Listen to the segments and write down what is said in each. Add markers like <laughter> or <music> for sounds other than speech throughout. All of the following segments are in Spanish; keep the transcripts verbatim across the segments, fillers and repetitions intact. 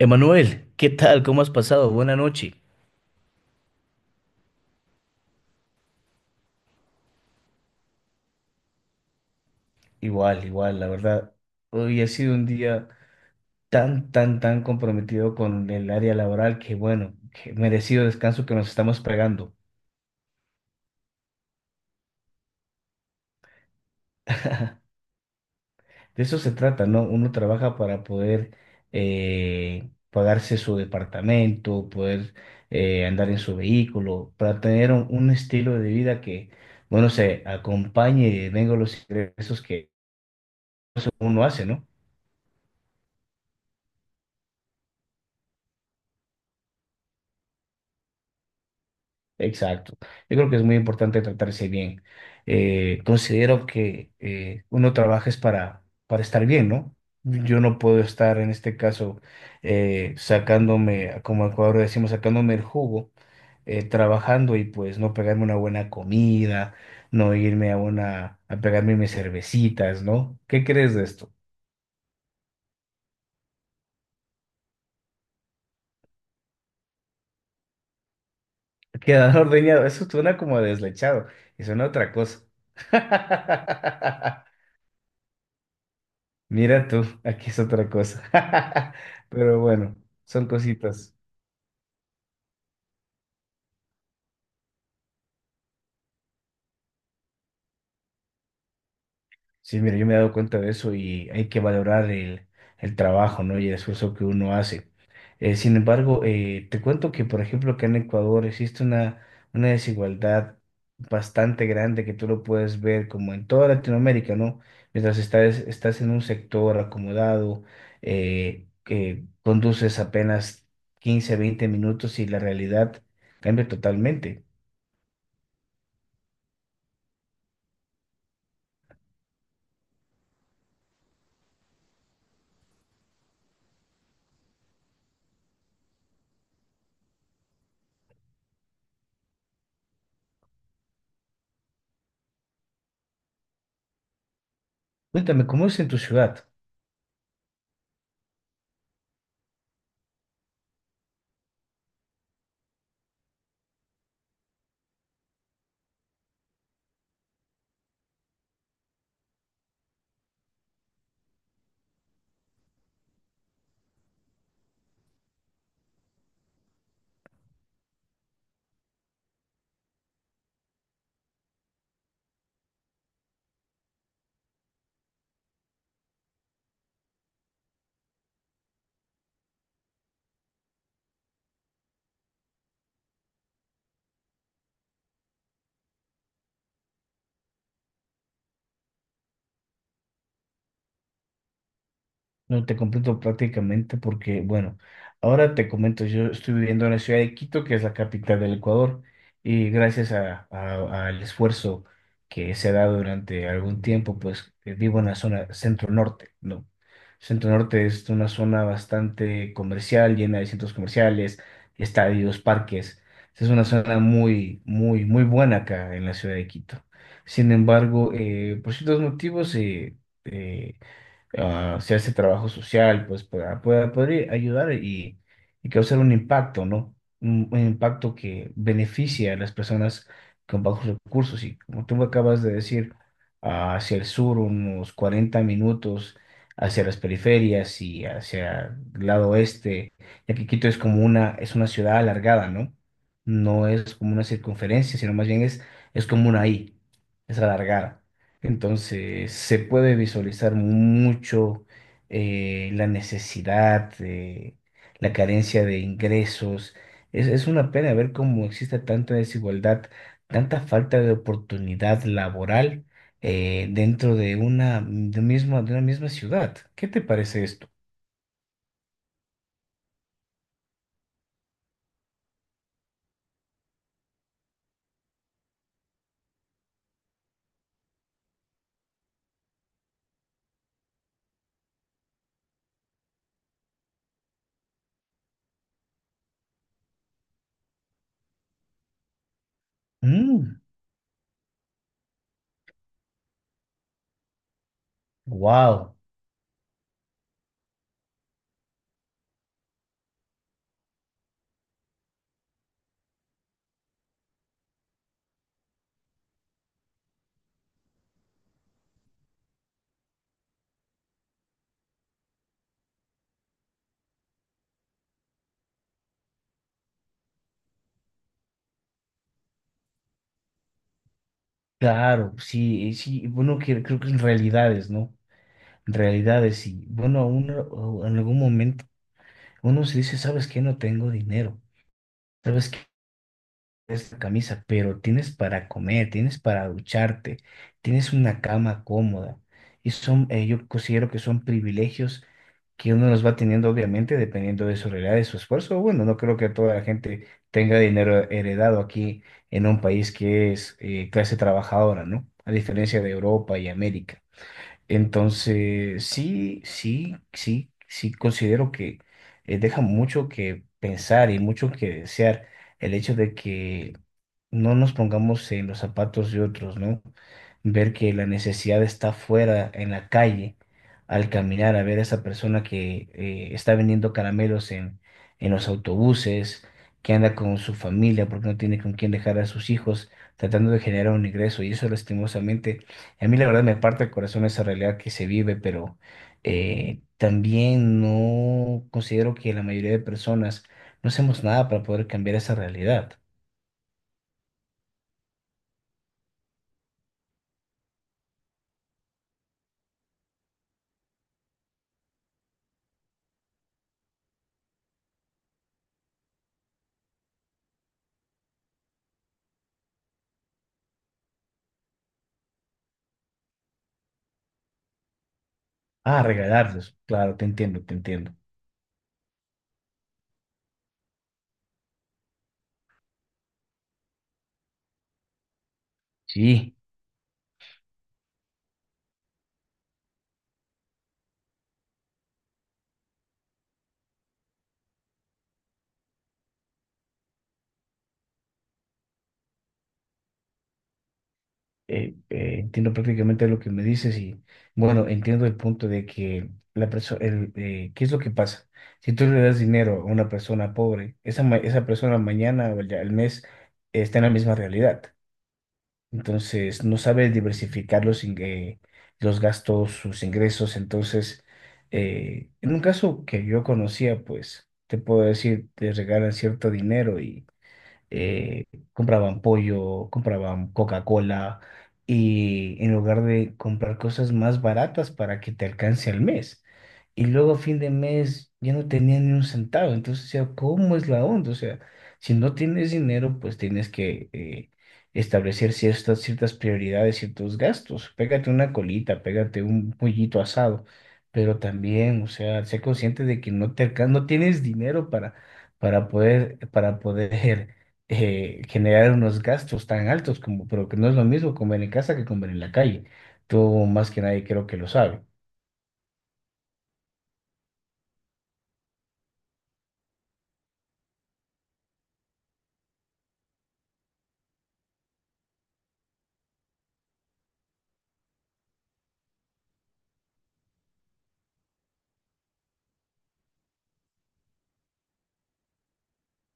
Emanuel, ¿qué tal? ¿Cómo has pasado? Buena noche. Igual, igual, la verdad. Hoy ha sido un día tan, tan, tan comprometido con el área laboral que, bueno, que merecido descanso que nos estamos pegando. De eso se trata, ¿no? Uno trabaja para poder eh, pagarse su departamento, poder eh, andar en su vehículo, para tener un, un estilo de vida que, bueno, se acompañe y venga los ingresos que uno hace, ¿no? Exacto. Yo creo que es muy importante tratarse bien. Eh, considero que eh, uno trabaja es para, para estar bien, ¿no? Yo no puedo estar en este caso eh, sacándome, como en Ecuador decimos, sacándome el jugo, eh, trabajando y pues no pegarme una buena comida, no irme a una, a pegarme mis cervecitas, ¿no? ¿Qué crees de esto? <laughs> Quedar ordeñado, eso suena como a deslechado, y suena a otra cosa. <laughs> Mira tú, aquí es otra cosa. <laughs> Pero bueno, son cositas. Sí, mira, yo me he dado cuenta de eso y hay que valorar el, el trabajo, ¿no? Y el esfuerzo que uno hace. Eh, sin embargo, eh, te cuento que, por ejemplo, acá en Ecuador existe una, una desigualdad bastante grande que tú lo puedes ver como en toda Latinoamérica, ¿no? Mientras estás, estás en un sector acomodado, eh, que conduces apenas quince, veinte minutos y la realidad cambia totalmente. Cuéntame, ¿cómo es en tu ciudad? No te comprendo prácticamente porque, bueno, ahora te comento, yo estoy viviendo en la ciudad de Quito, que es la capital del Ecuador, y gracias a, a- al esfuerzo que se ha dado durante algún tiempo, pues eh, vivo en la zona centro-norte, ¿no? Centro-norte es una zona bastante comercial, llena de centros comerciales, estadios, parques. Es una zona muy, muy, muy buena acá en la ciudad de Quito. Sin embargo, eh, por ciertos motivos, eh, eh, ah, hacer ese trabajo social, pues para poder, poder ayudar y, y causar un impacto, ¿no? Un, un impacto que beneficie a las personas con bajos recursos. Y como tú me acabas de decir, ah, hacia el sur unos cuarenta minutos, hacia las periferias y hacia el lado oeste, ya que Quito es como una, es una ciudad alargada, ¿no? No es como una circunferencia, sino más bien es, es como una I, es alargada. Entonces se puede visualizar mucho eh, la necesidad, eh, la carencia de ingresos. Es, es una pena ver cómo existe tanta desigualdad, tanta falta de oportunidad laboral eh, dentro de una, de misma, de una misma ciudad. ¿Qué te parece esto? Wow, claro, sí, sí, bueno, que- creo que en realidades, ¿no? En realidades, sí. Bueno, uno, o en algún momento. Uno se dice, ¿sabes qué? No tengo dinero, ¿sabes qué? Esta camisa, pero tienes para comer, tienes para ducharte, tienes una cama cómoda. Y son, eh, yo considero que son privilegios que uno los va teniendo, obviamente, dependiendo de su realidad, de su esfuerzo. Bueno, no creo que toda la gente tenga dinero heredado aquí en un país que es eh, clase trabajadora, ¿no? A diferencia de Europa y América. Entonces, sí, sí, sí, sí considero que eh, deja mucho que pensar y mucho que desear el hecho de que no nos pongamos en los zapatos de otros, ¿no? Ver que la necesidad está fuera, en la calle, al caminar, a ver a esa persona que eh, está vendiendo caramelos en, en los autobuses, que anda con su familia porque no tiene con quién dejar a sus hijos, tratando de generar un ingreso. Y eso lastimosamente a mí la verdad me parte el corazón esa realidad que se vive, pero eh, también no considero que la mayoría de personas no hacemos nada para poder cambiar esa realidad. Ah, regalarlos, claro, te entiendo, te entiendo. Sí, eh, eh, entiendo prácticamente lo que me dices y bueno, entiendo el punto de que la persona, ¿qué es lo que pasa? Si tú le das dinero a una persona pobre, esa, ma- esa persona mañana o el, el mes eh, está en la misma realidad. Entonces, no sabe diversificar los, ing- eh, los gastos, sus ingresos. Entonces, eh, en un caso que yo conocía, pues, te puedo decir, te regalan cierto dinero eh, compraban pollo, compraban Coca-Cola y en lugar de comprar cosas más baratas para que te alcance al mes. Y luego a fin de mes ya no tenía ni un centavo. Entonces, o sea, ¿cómo es la onda? O sea, si no tienes dinero, pues tienes que eh, establecer ciertas, ciertas prioridades, ciertos gastos. Pégate una colita, pégate un pollito asado. Pero también, o sea, sé consciente de que no te alcan- no tienes dinero para, para poder, para poder eh, generar unos gastos tan altos como, pero que no es lo mismo comer en casa que comer en la calle. Tú más que nadie creo que lo sabes.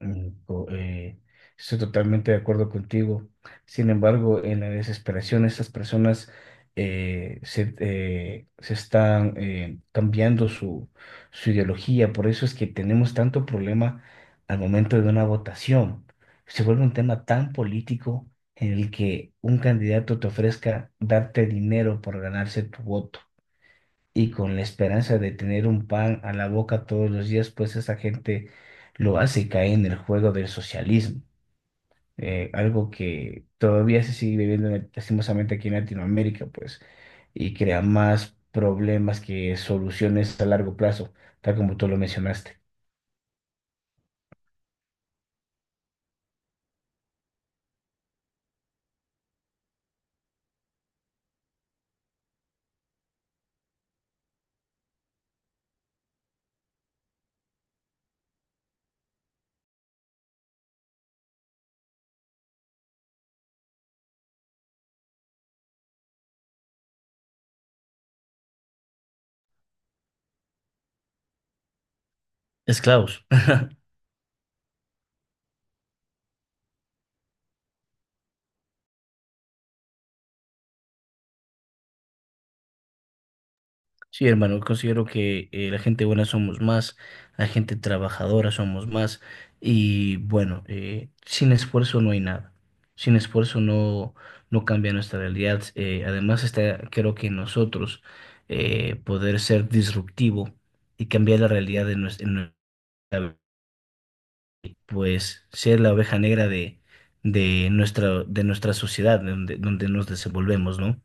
Mm, co- eh, Estoy totalmente de acuerdo contigo. Sin embargo, en la desesperación, estas personas eh, se, eh, se están eh, cambiando su, su ideología. Por eso es que tenemos tanto problema al momento de una votación. Se vuelve un tema tan político en el que un candidato te ofrezca darte dinero por ganarse tu voto y con la esperanza de tener un pan a la boca todos los días, pues esa gente lo hace y cae en el juego del socialismo, eh, algo que todavía se sigue viviendo en- lastimosamente aquí en Latinoamérica, pues, y crea más problemas que soluciones a largo plazo, tal como tú lo mencionaste. Esclavos. Sí, hermano, considero que eh, la gente buena somos más, la gente trabajadora somos más y bueno, eh, sin esfuerzo no hay nada, sin esfuerzo no, no cambia nuestra realidad. Eh, además está, creo que en nosotros eh, poder ser disruptivo y cambiar la realidad de nues- en nuestra, pues ser la oveja negra de, de nuestra, de nuestra sociedad, donde, donde nos desenvolvemos, ¿no?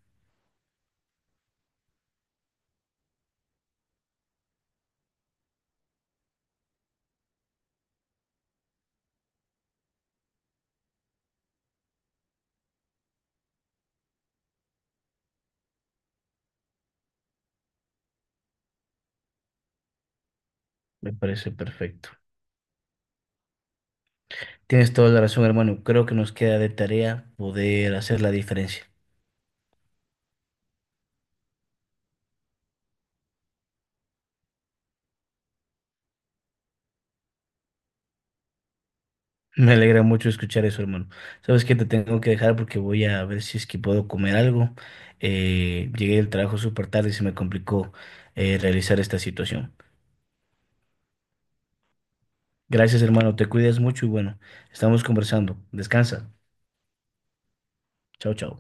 Me parece perfecto. Tienes toda la razón, hermano. Creo que nos queda de tarea poder hacer la diferencia. Me alegra mucho escuchar eso, hermano. Sabes que te tengo que dejar porque voy a ver si es que puedo comer algo. Eh, llegué del trabajo súper tarde y se me complicó eh, realizar esta situación. Gracias, hermano. Te cuidas mucho y bueno, estamos conversando. Descansa. Chao, chao.